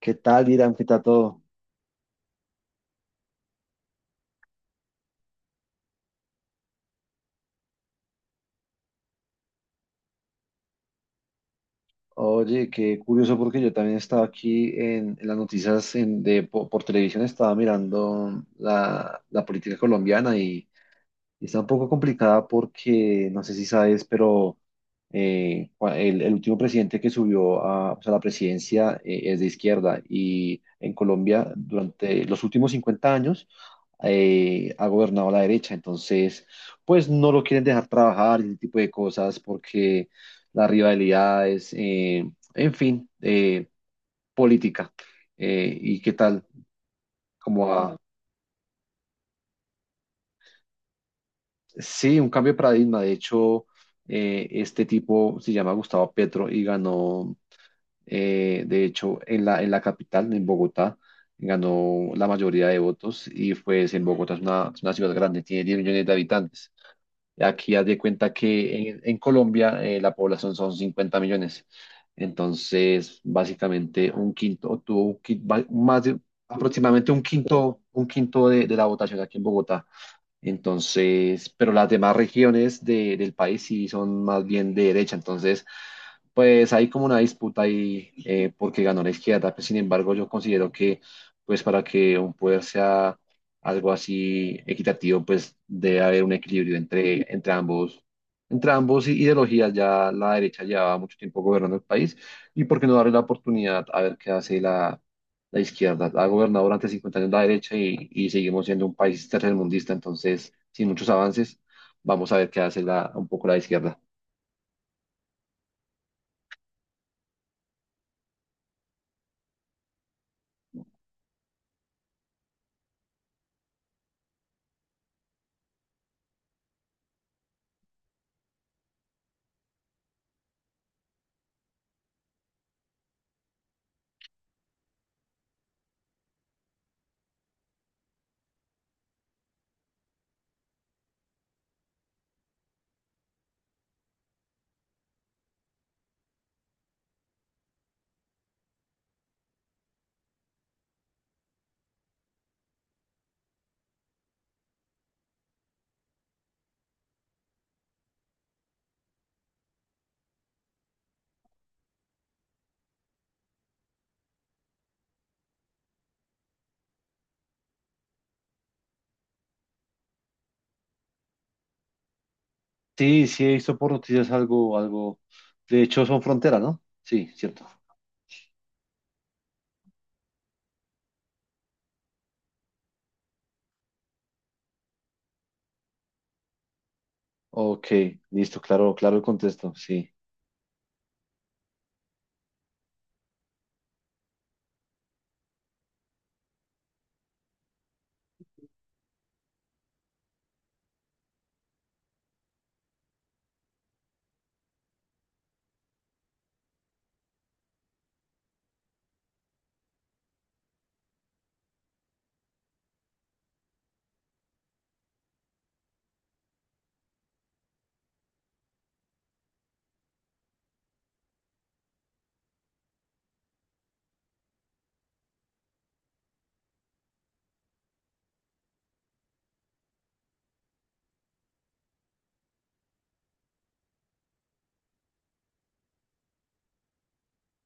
¿Qué tal, Irán? ¿Qué tal todo? Oye, qué curioso porque yo también estaba aquí en las noticias por televisión. Estaba mirando la política colombiana y está un poco complicada porque, no sé si sabes, pero el último presidente que subió a, pues, a la presidencia es de izquierda, y en Colombia durante los últimos 50 años ha gobernado la derecha. Entonces pues no lo quieren dejar trabajar y ese tipo de cosas porque las rivalidades, en fin, eh, política. ¿y qué tal? Como a- sí, un cambio de paradigma. De hecho, este tipo se llama Gustavo Petro y ganó, de hecho, en la capital, en Bogotá, ganó la mayoría de votos, y pues en Bogotá es una ciudad grande, tiene 10 millones de habitantes. Aquí haz de cuenta que en Colombia la población son 50 millones. Entonces, básicamente un quinto, o tuvo un aproximadamente un quinto de la votación aquí en Bogotá. Entonces, pero las demás regiones del país sí son más bien de derecha. Entonces, pues hay como una disputa ahí porque ganó la izquierda. Pues, sin embargo, yo considero que, pues para que un poder sea algo así equitativo, pues debe haber un equilibrio entre ambos, entre ambos ideologías. Ya la derecha llevaba mucho tiempo gobernando el país, y por qué no darle la oportunidad a ver qué hace. La izquierda ha gobernado durante 50 años la derecha, y seguimos siendo un país tercermundista, entonces, sin muchos avances. Vamos a ver qué hace la, un poco la izquierda. Sí, sí, he visto por noticias algo, algo. De hecho, son fronteras, ¿no? Sí, cierto. Ok, listo, claro, claro el contexto, sí.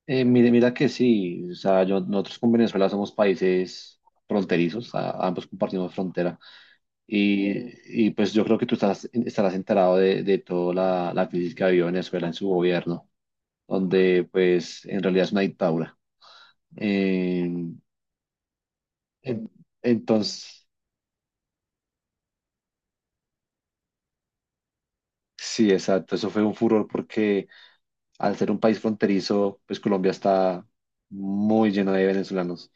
Mira, que sí, o sea, nosotros con Venezuela somos países fronterizos, ambos compartimos frontera. Y pues yo creo que tú estás, estarás enterado de toda la crisis que ha habido Venezuela en su gobierno, donde pues en realidad es una dictadura. En- en- entonces, sí, exacto, eso fue un furor porque al ser un país fronterizo, pues Colombia está muy llena de venezolanos.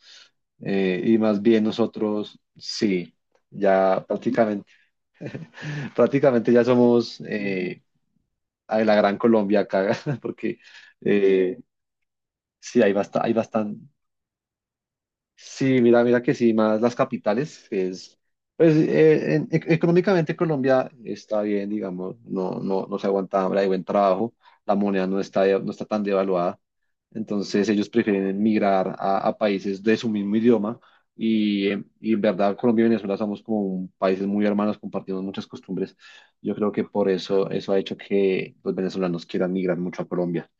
Y más bien nosotros, sí, ya prácticamente, prácticamente ya somos a la Gran Colombia acá, porque eh, sí, hay, bastante hay. Sí, mira, mira que sí, más las capitales que es, pues económicamente Colombia está bien, digamos, no se aguanta hambre, hay buen trabajo, la moneda no está, no está tan devaluada. Entonces ellos prefieren migrar a países de su mismo idioma, y en verdad Colombia y Venezuela somos como países muy hermanos, compartimos muchas costumbres. Yo creo que por eso eso ha hecho que los venezolanos quieran migrar mucho a Colombia.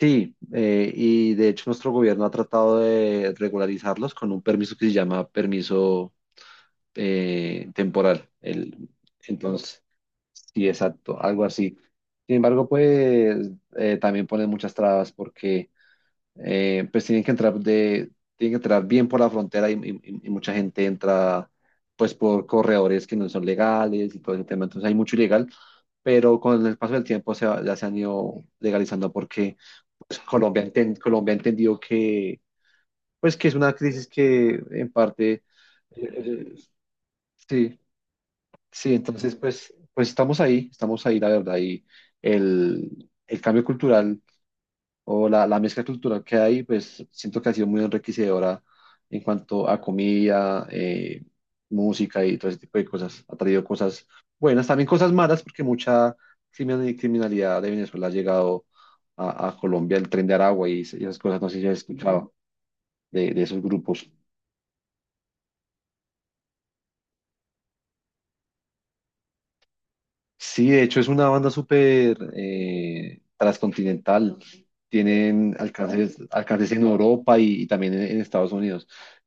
Sí, y de hecho nuestro gobierno ha tratado de regularizarlos con un permiso que se llama permiso temporal. El, entonces, sí, exacto, algo así. Sin embargo, pues también ponen muchas trabas porque pues tienen que entrar de, tienen que entrar bien por la frontera, y y- mucha gente entra pues por corredores que no son legales y todo ese tema. Entonces hay mucho ilegal, pero con el paso del tiempo ya se han ido legalizando porque Colombia, Colombia entendió que, pues, que es una crisis que en parte, eh, sí, sí, entonces, pues, pues estamos ahí, la verdad. Y el cambio cultural o la mezcla cultural que hay, pues, siento que ha sido muy enriquecedora en cuanto a comida, música y todo ese tipo de cosas. Ha traído cosas buenas, también cosas malas, porque mucha criminalidad de Venezuela ha llegado a Colombia, el tren de Aragua y, esas cosas, no sé si has escuchado de esos grupos. Sí, de hecho es una banda súper transcontinental. Tienen alcances, alcances en Europa, y también en Estados Unidos.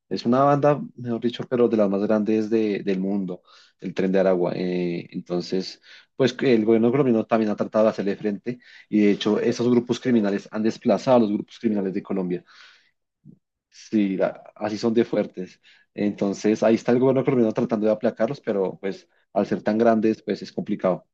Es una banda, mejor dicho, pero de las más grandes del mundo, el Tren de Aragua. Entonces, pues que el gobierno colombiano también ha tratado de hacerle frente, y de hecho esos grupos criminales han desplazado a los grupos criminales de Colombia. Sí, así son de fuertes. Entonces, ahí está el gobierno colombiano tratando de aplacarlos, pero pues al ser tan grandes, pues es complicado.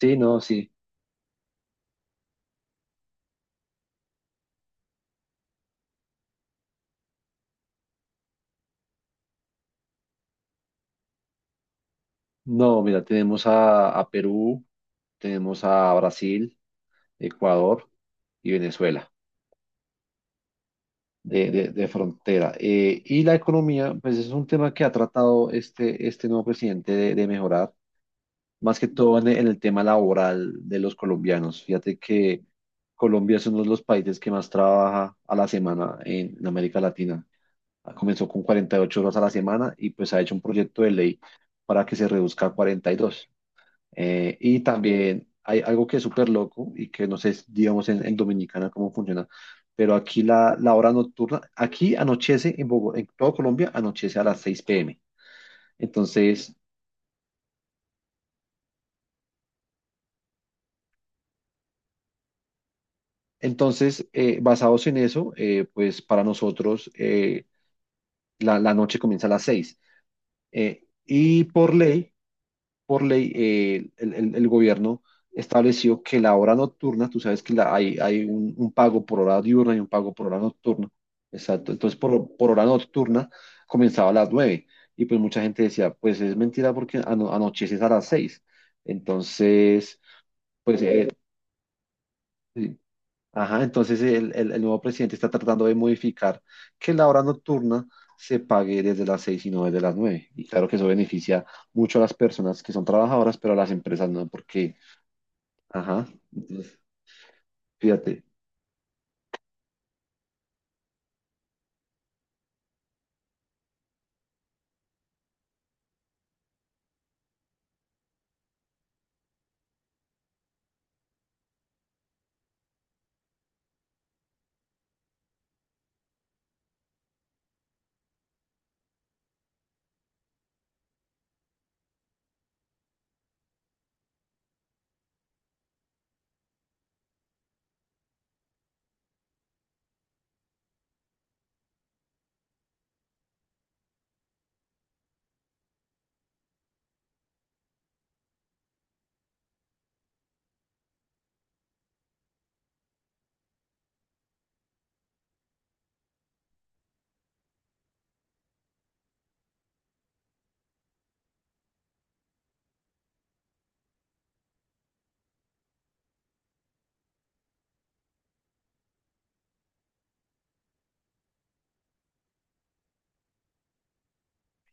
Sí, no, sí. No, mira, tenemos a Perú, tenemos a Brasil, Ecuador y Venezuela de, de frontera. Y la economía, pues es un tema que ha tratado este, este nuevo presidente de mejorar, más que todo en el tema laboral de los colombianos. Fíjate que Colombia es uno de los países que más trabaja a la semana en América Latina. Ah, comenzó con 48 horas a la semana y pues ha hecho un proyecto de ley para que se reduzca a 42. Y también hay algo que es súper loco y que no sé, digamos, en Dominicana cómo funciona, pero aquí la hora nocturna, aquí anochece en Bogotá, en todo Colombia anochece a las 6 p.m. Entonces, Entonces, basados en eso, pues para nosotros la noche comienza a las 6. Y por ley, el gobierno estableció que la hora nocturna, tú sabes que hay, hay un pago por hora diurna y un pago por hora nocturna. Exacto. Entonces, por hora nocturna comenzaba a las 9. Y pues mucha gente decía, pues es mentira porque anocheces a las 6. Entonces, pues sí, ajá, entonces el, el nuevo presidente está tratando de modificar que la hora nocturna se pague desde las 6 y no desde las 9. Y claro que eso beneficia mucho a las personas que son trabajadoras, pero a las empresas no, porque, ajá, entonces, fíjate.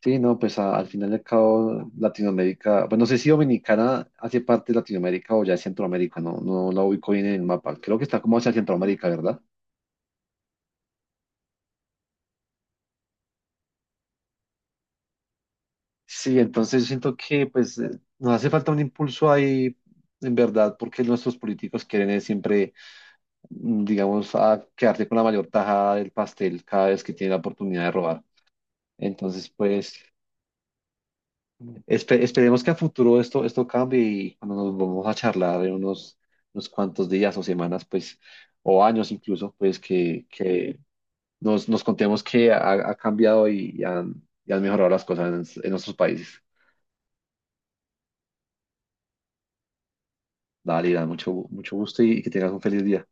Sí, no, pues al final y al cabo Latinoamérica, pues no sé si Dominicana hace parte de Latinoamérica o ya es Centroamérica, no, no la ubico bien en el mapa. Creo que está como hacia Centroamérica, ¿verdad? Sí, entonces yo siento que pues nos hace falta un impulso ahí, en verdad, porque nuestros políticos quieren es siempre, digamos, a quedarse con la mayor tajada del pastel cada vez que tienen la oportunidad de robar. Entonces, pues esperemos que a futuro esto, esto cambie, y cuando nos vamos a charlar en unos, unos cuantos días o semanas, pues, o años incluso, pues que nos, nos contemos que ha, ha cambiado y han mejorado las cosas en nuestros países. Dale, Iván, mucho, mucho gusto, y que tengas un feliz día.